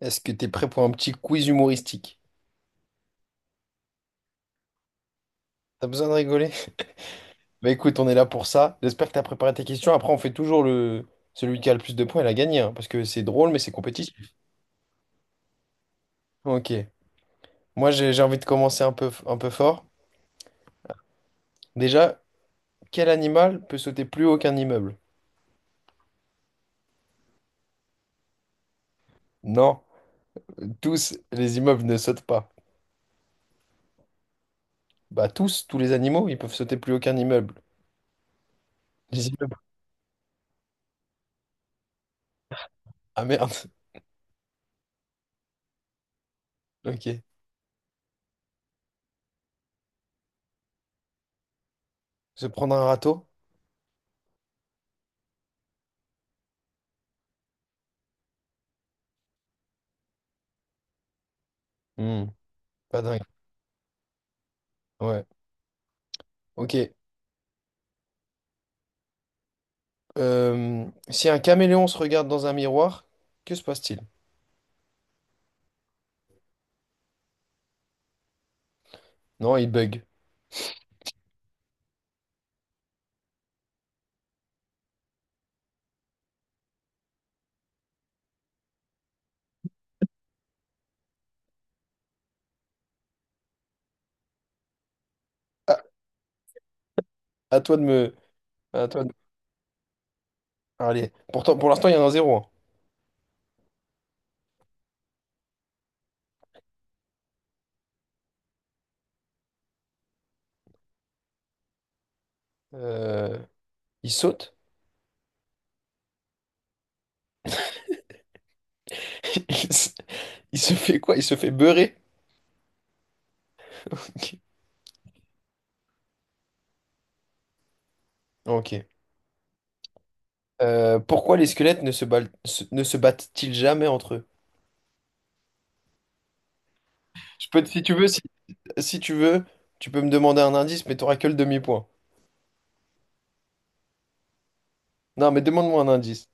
Est-ce que t'es prêt pour un petit quiz humoristique? T'as besoin de rigoler? Bah écoute, on est là pour ça. J'espère que t'as préparé tes questions. Après, on fait toujours le celui qui a le plus de points, il a gagné, hein, parce que c'est drôle, mais c'est compétitif. Ok. Moi, j'ai envie de commencer un peu fort. Déjà, quel animal peut sauter plus haut qu'un immeuble? Non, tous les immeubles ne sautent pas. Bah tous les animaux, ils peuvent sauter plus haut qu'un immeuble. Les immeubles. Ah merde. Ok. Se prendre un râteau? Hmm, pas dingue. Ouais. Ok. Si un caméléon se regarde dans un miroir, que se passe-t-il? Non, il bug. Ah, à toi de me. À toi de- Allez, pourtant, pour l'instant, il y en a un zéro, hein. Euh, il saute? Il se il se fait quoi? Il se fait beurrer? Ok. Pourquoi les squelettes ne se battent-ils jamais entre eux? Je peux, te- si tu veux, si, si tu veux, tu peux me demander un indice, mais t'auras que le demi-point. Non, mais demande-moi un indice.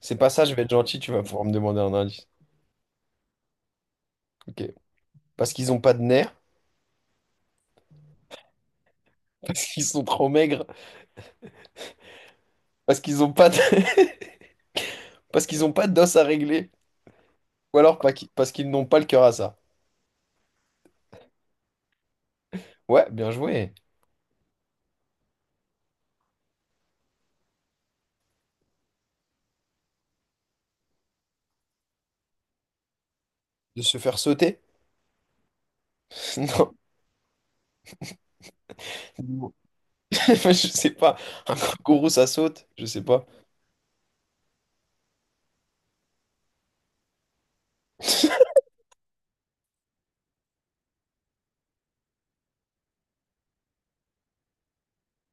C'est pas ça, je vais être gentil, tu vas pouvoir me demander un indice. Ok. Parce qu'ils ont pas de nerfs, parce qu'ils sont trop maigres. Parce qu'ils ont pas de... parce qu'ils ont pas d'os à régler. Ou alors pas qui- parce qu'ils n'ont pas le cœur à ça. Ouais, bien joué. De se faire sauter? Non. Je sais pas. Un kangourou, ça saute? Je sais pas.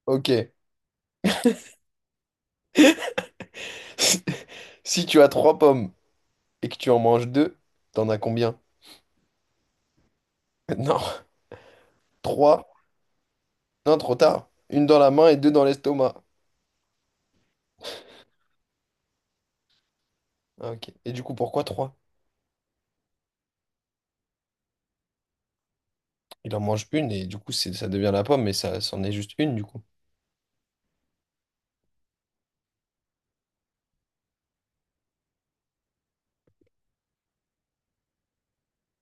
Ok. Si tu as trois pommes et que tu en manges deux, t'en as combien? Non. Trois. Non, trop tard. Une dans la main et deux dans l'estomac. Ah, ok. Et du coup, pourquoi trois? Il en mange une et du coup, ça devient la pomme, mais ça, c'en est juste une du coup.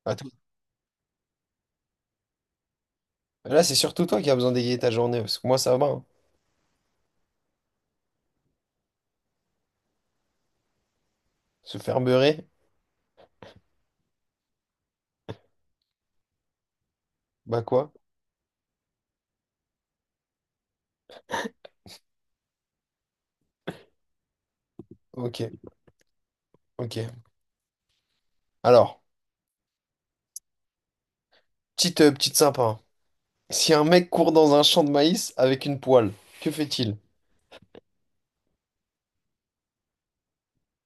Attends. Là, c'est surtout toi qui as besoin d'égayer ta journée, parce que moi, ça va, hein. Se faire beurrer? Bah quoi? Ok, ok. Alors, petite sympa, hein. Si un mec court dans un champ de maïs avec une poêle, que fait-il?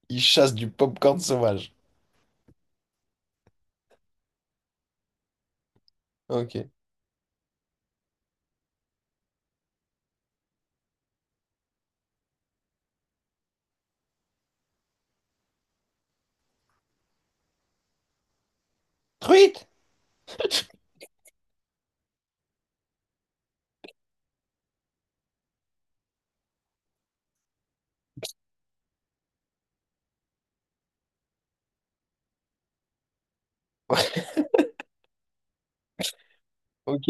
Il chasse du popcorn sauvage. Ok. Truite! Ok.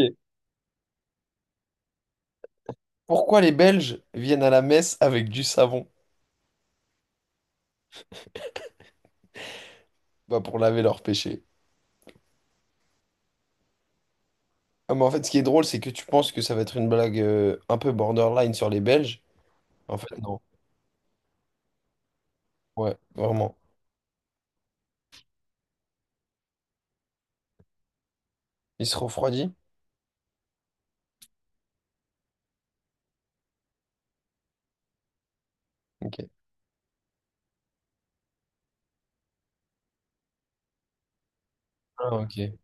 Pourquoi les Belges viennent à la messe avec du savon? Bah pour laver leurs péchés. Ah, mais en fait, ce qui est drôle, c'est que tu penses que ça va être une blague un peu borderline sur les Belges. En fait, non. Ouais, vraiment. Il se refroidit? Ok. Ah, ok.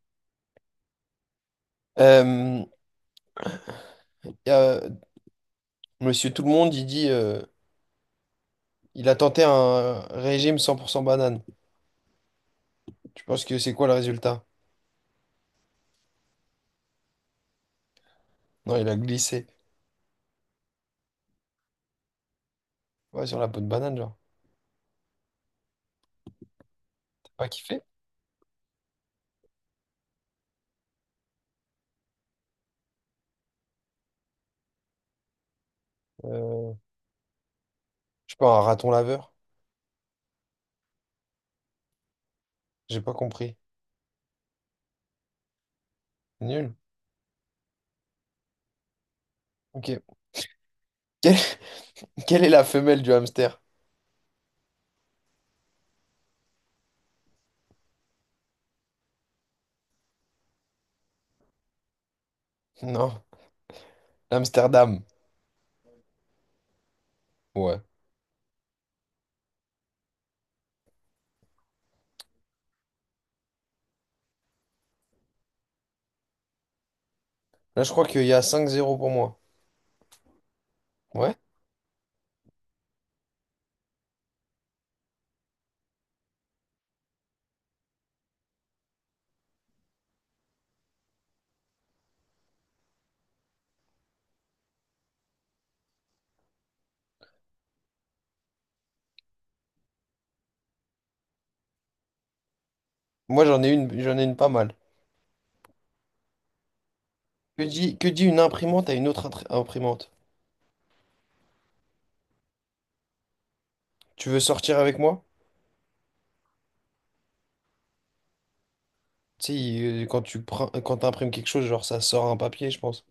Euh, y a- euh, Monsieur Tout-le-Monde, Il a tenté un régime 100% banane. Tu penses que c'est quoi le résultat? Non, il a glissé. Ouais, sur la peau de banane, genre. T'as pas kiffé? Euh, je sais pas, un raton laveur? J'ai pas compris. Nul. Ok. Quelle, quelle est la femelle du hamster? Non. L'Amsterdam. Ouais. Là, je crois qu'il y a cinq zéro pour moi. Ouais? Moi, j'en ai une pas mal. Que dit une imprimante à une autre imprimante? Tu veux sortir avec moi? Tu sais, quand tu prends, quand t'imprimes quelque chose, genre, ça sort un papier, je pense.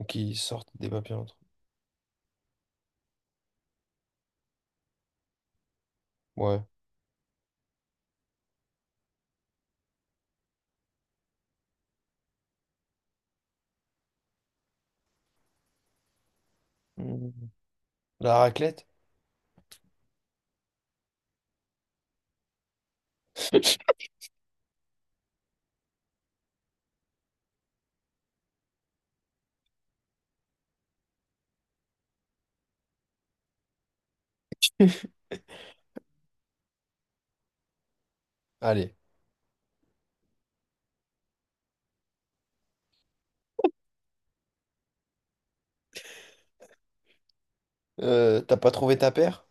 Ou qu'ils sortent des papiers entre eux. Ouais. La raclette? Allez. T'as pas trouvé ta paire?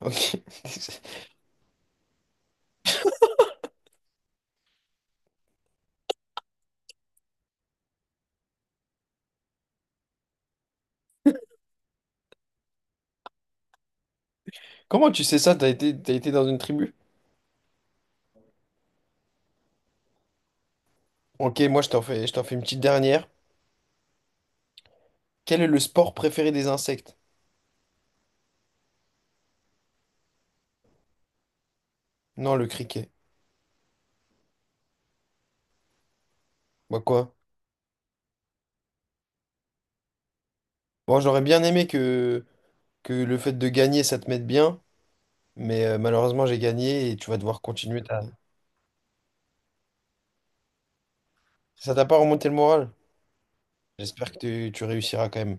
Ok. Comment tu sais ça? T'as été dans une tribu? Ok, moi je t'en fais une petite dernière. Quel est le sport préféré des insectes? Non, le criquet. Bah quoi? Bon, j'aurais bien aimé que le fait de gagner, ça te mette bien, mais malheureusement j'ai gagné et tu vas devoir continuer ta... Ça t'a pas remonté le moral? J'espère que tu réussiras quand même.